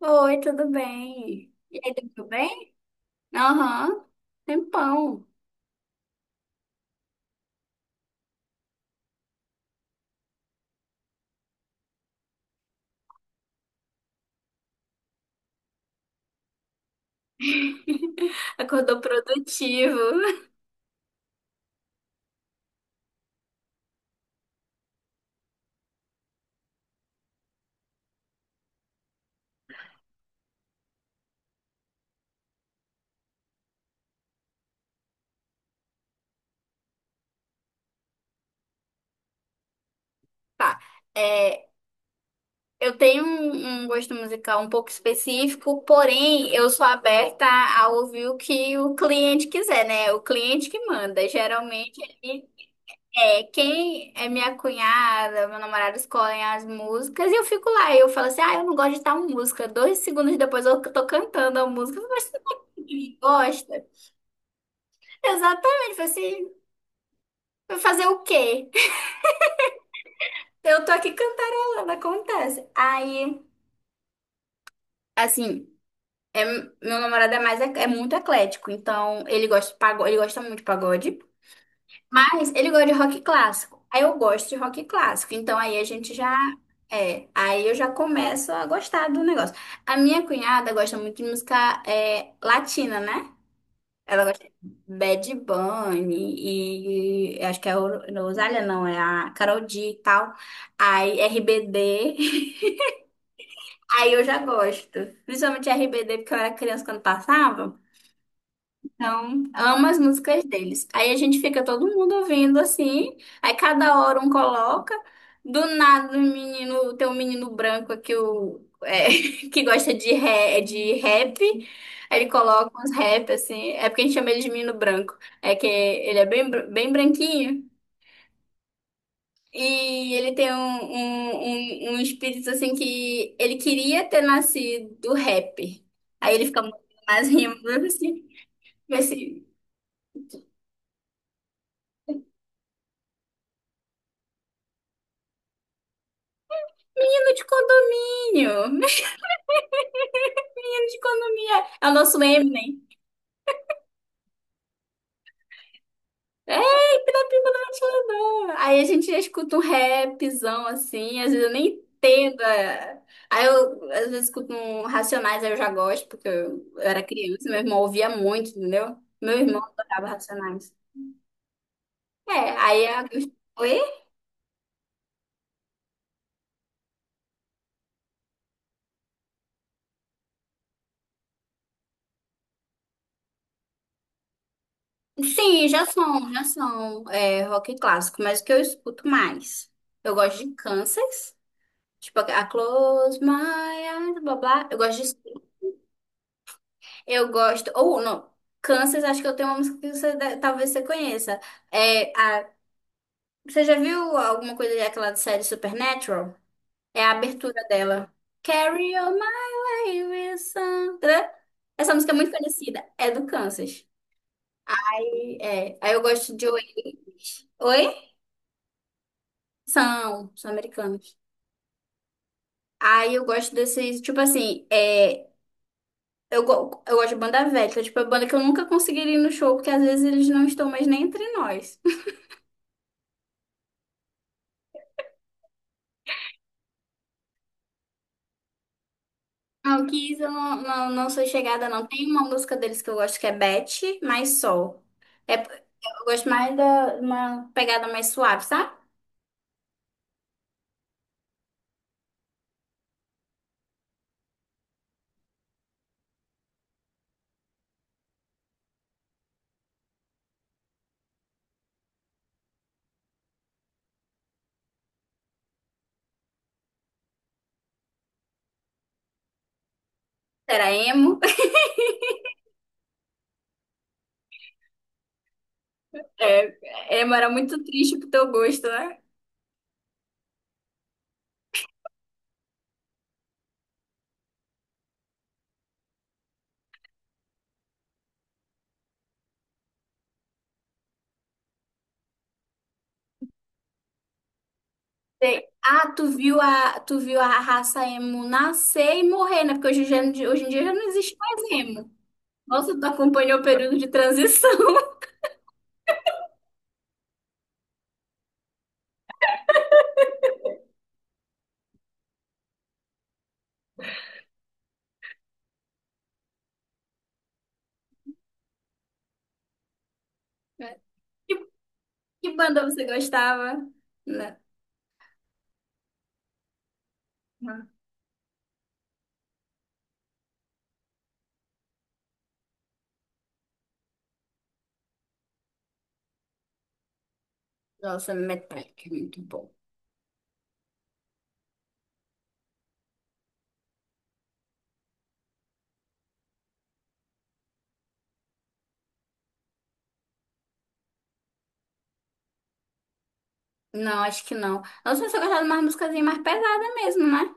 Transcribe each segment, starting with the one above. Oi, tudo bem? E aí, tudo bem? Aham, tempão. Acordou produtivo. Tá, é, eu tenho um gosto musical um pouco específico, porém, eu sou aberta a ouvir o que o cliente quiser, né? O cliente que manda. Geralmente, ele é quem é minha cunhada, meu namorado escolhem as músicas e eu fico lá. E eu falo assim, ah, eu não gosto de tal música. 2 segundos depois eu tô cantando a música. Mas você não gosta? Exatamente, falei assim, vai fazer o quê? Eu tô aqui cantarolando, acontece. Aí, assim, meu namorado é muito eclético, então ele gosta de pagode, ele gosta muito de pagode, mas ele gosta de rock clássico. Aí eu gosto de rock clássico, então aí a gente já é, aí eu já começo a gostar do negócio. A minha cunhada gosta muito de música latina, né? Ela gosta de Bad Bunny e acho que é a Rosália, não, é a Karol G e tal. Aí RBD. Aí eu já gosto. Principalmente RBD, porque eu era criança quando passava. Então, amo as músicas deles. Aí a gente fica todo mundo ouvindo assim, aí cada hora um coloca. Do nada, o menino, tem um menino branco que gosta de rap. Aí ele coloca uns rap assim. É porque a gente chama ele de menino branco. É que ele é bem branquinho. E ele tem um espírito assim que ele queria ter nascido rapper. Aí ele fica muito mais rindo assim. Vai ser. Menino de condomínio. Menino de condomínio. É o nosso Eminem. É, pirapiba do ventilador. Aí a gente escuta um rapzão assim, às vezes eu nem entendo. Aí eu às vezes escuto um Racionais, aí eu já gosto, porque eu era criança, meu irmão ouvia muito, entendeu? Meu irmão tocava Racionais. É, aí a... Oi? Sim, já são rock clássico, mas o que eu escuto mais? Eu gosto de Kansas. Tipo, a Close My Eyes, blá blá. Eu gosto de. Eu gosto. Ou não. Kansas, acho que eu tenho uma música que você talvez você conheça. É a. Você já viu alguma coisa daquela série Supernatural? É a abertura dela. Carry on my wilson. Essa música é muito conhecida. É do Kansas. E é. Aí eu gosto de Oasis. Oi? São, são americanos. Aí eu gosto desses, tipo assim. Eu gosto de banda velha, que é tipo, a banda que eu nunca conseguiria ir no show, porque às vezes eles não estão mais nem entre nós. Ah, o Kiss eu não sou chegada, não. Tem uma música deles que eu gosto que é Beth, mas Sol. É, eu gosto mais da uma pegada mais suave, sabe? Era emo. É, emo era muito triste pro teu gosto, né? Ah, tu viu a raça emo nascer e morrer, né? Porque hoje em dia já não existe mais emo. Nossa, tu acompanhou o período de transição. Que banda você gostava? Né? Nossa, Metallica, é muito bom. Não, acho que não. Nossa, mas eu gostava de umas musicazinhas mais pesadas mesmo, né?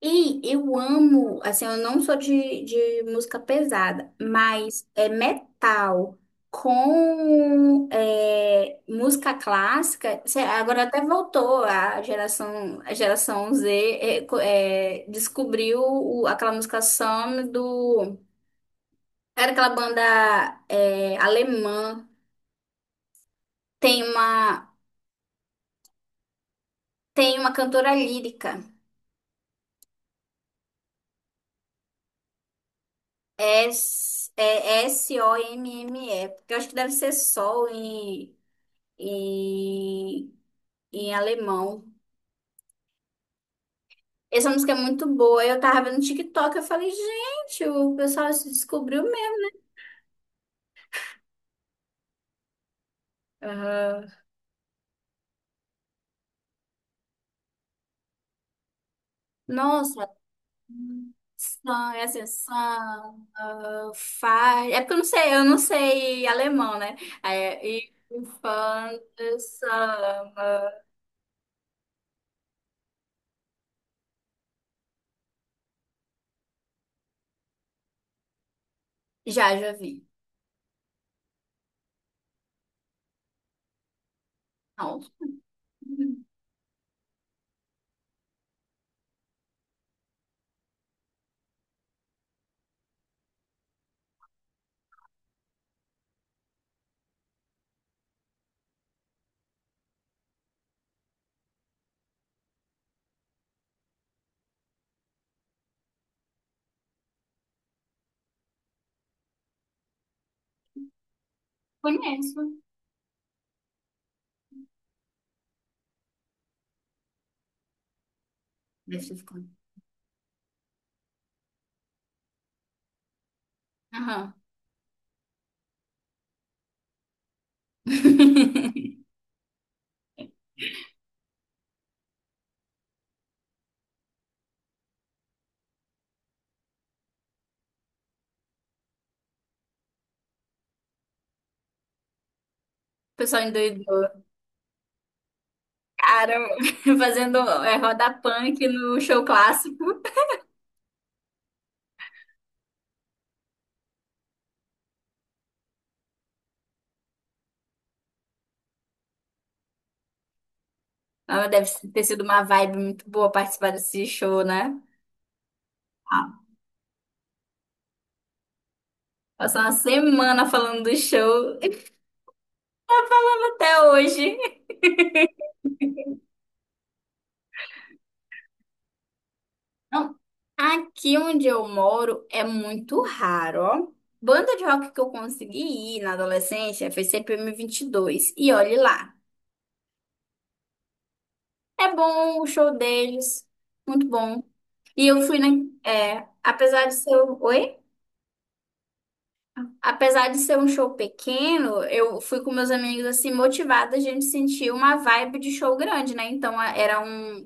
E eu amo, assim, eu não sou de música pesada, mas é metal com música clássica. Agora até voltou a geração Z, descobriu aquela música Some do. Era aquela banda alemã. Tem uma, tem uma cantora lírica. É S-O-M-M-E. Porque eu acho que deve ser Sol em, em alemão. Essa música é muito boa. Eu tava vendo no TikTok, eu falei, gente, o pessoal se descobriu mesmo. Aham. Nossa, são é assim, Sun, faz. É porque eu não sei alemão, né? É, e Fun, Sun. Já, já vi. Não, conheço. Deve ter ficado. Aham. O pessoal endoidou. Cara, fazendo roda punk no show clássico. Ah, deve ter sido uma vibe muito boa participar desse show, né? Ah, passou uma semana falando do show e até hoje. Não, aqui onde eu moro é muito raro, ó. Banda de rock que eu consegui ir na adolescência foi CPM 22. E dois. E olhe lá. É bom o show deles, muito bom. E eu fui na, apesar de ser, oi? Apesar de ser um show pequeno, eu fui com meus amigos assim motivada, a gente sentiu uma vibe de show grande, né? Então era um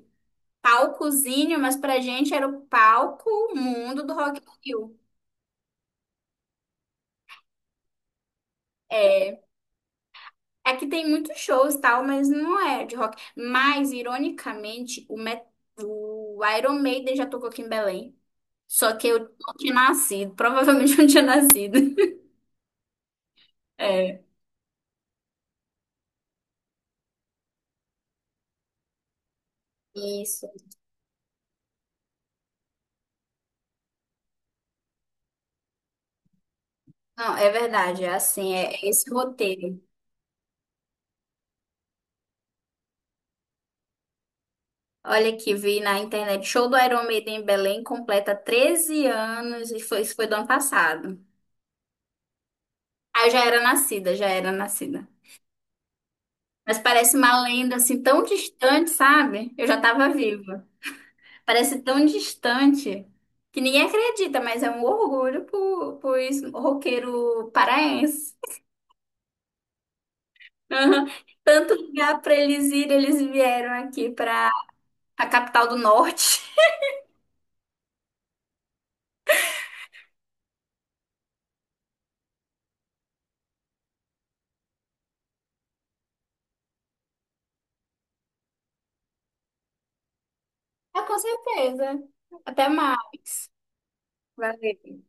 palcozinho, mas pra gente era o palco mundo do Rock in Rio. É, aqui tem muitos shows e tal, mas não é de rock. Mas ironicamente, o Iron Maiden já tocou aqui em Belém. Só que eu não tinha nascido, provavelmente eu não tinha nascido. É, isso. Não, é verdade, é assim, é esse roteiro. Olha aqui, vi na internet, show do Iron Maiden em Belém completa 13 anos e isso foi do ano passado. Ah, eu já era nascida, já era nascida. Mas parece uma lenda assim tão distante, sabe? Eu já tava viva. Parece tão distante que ninguém acredita, mas é um orgulho pros roqueiro paraense. Aham. Tanto lugar para eles irem, eles vieram aqui para a capital do norte. Ah, com certeza. Até mais. Valeu.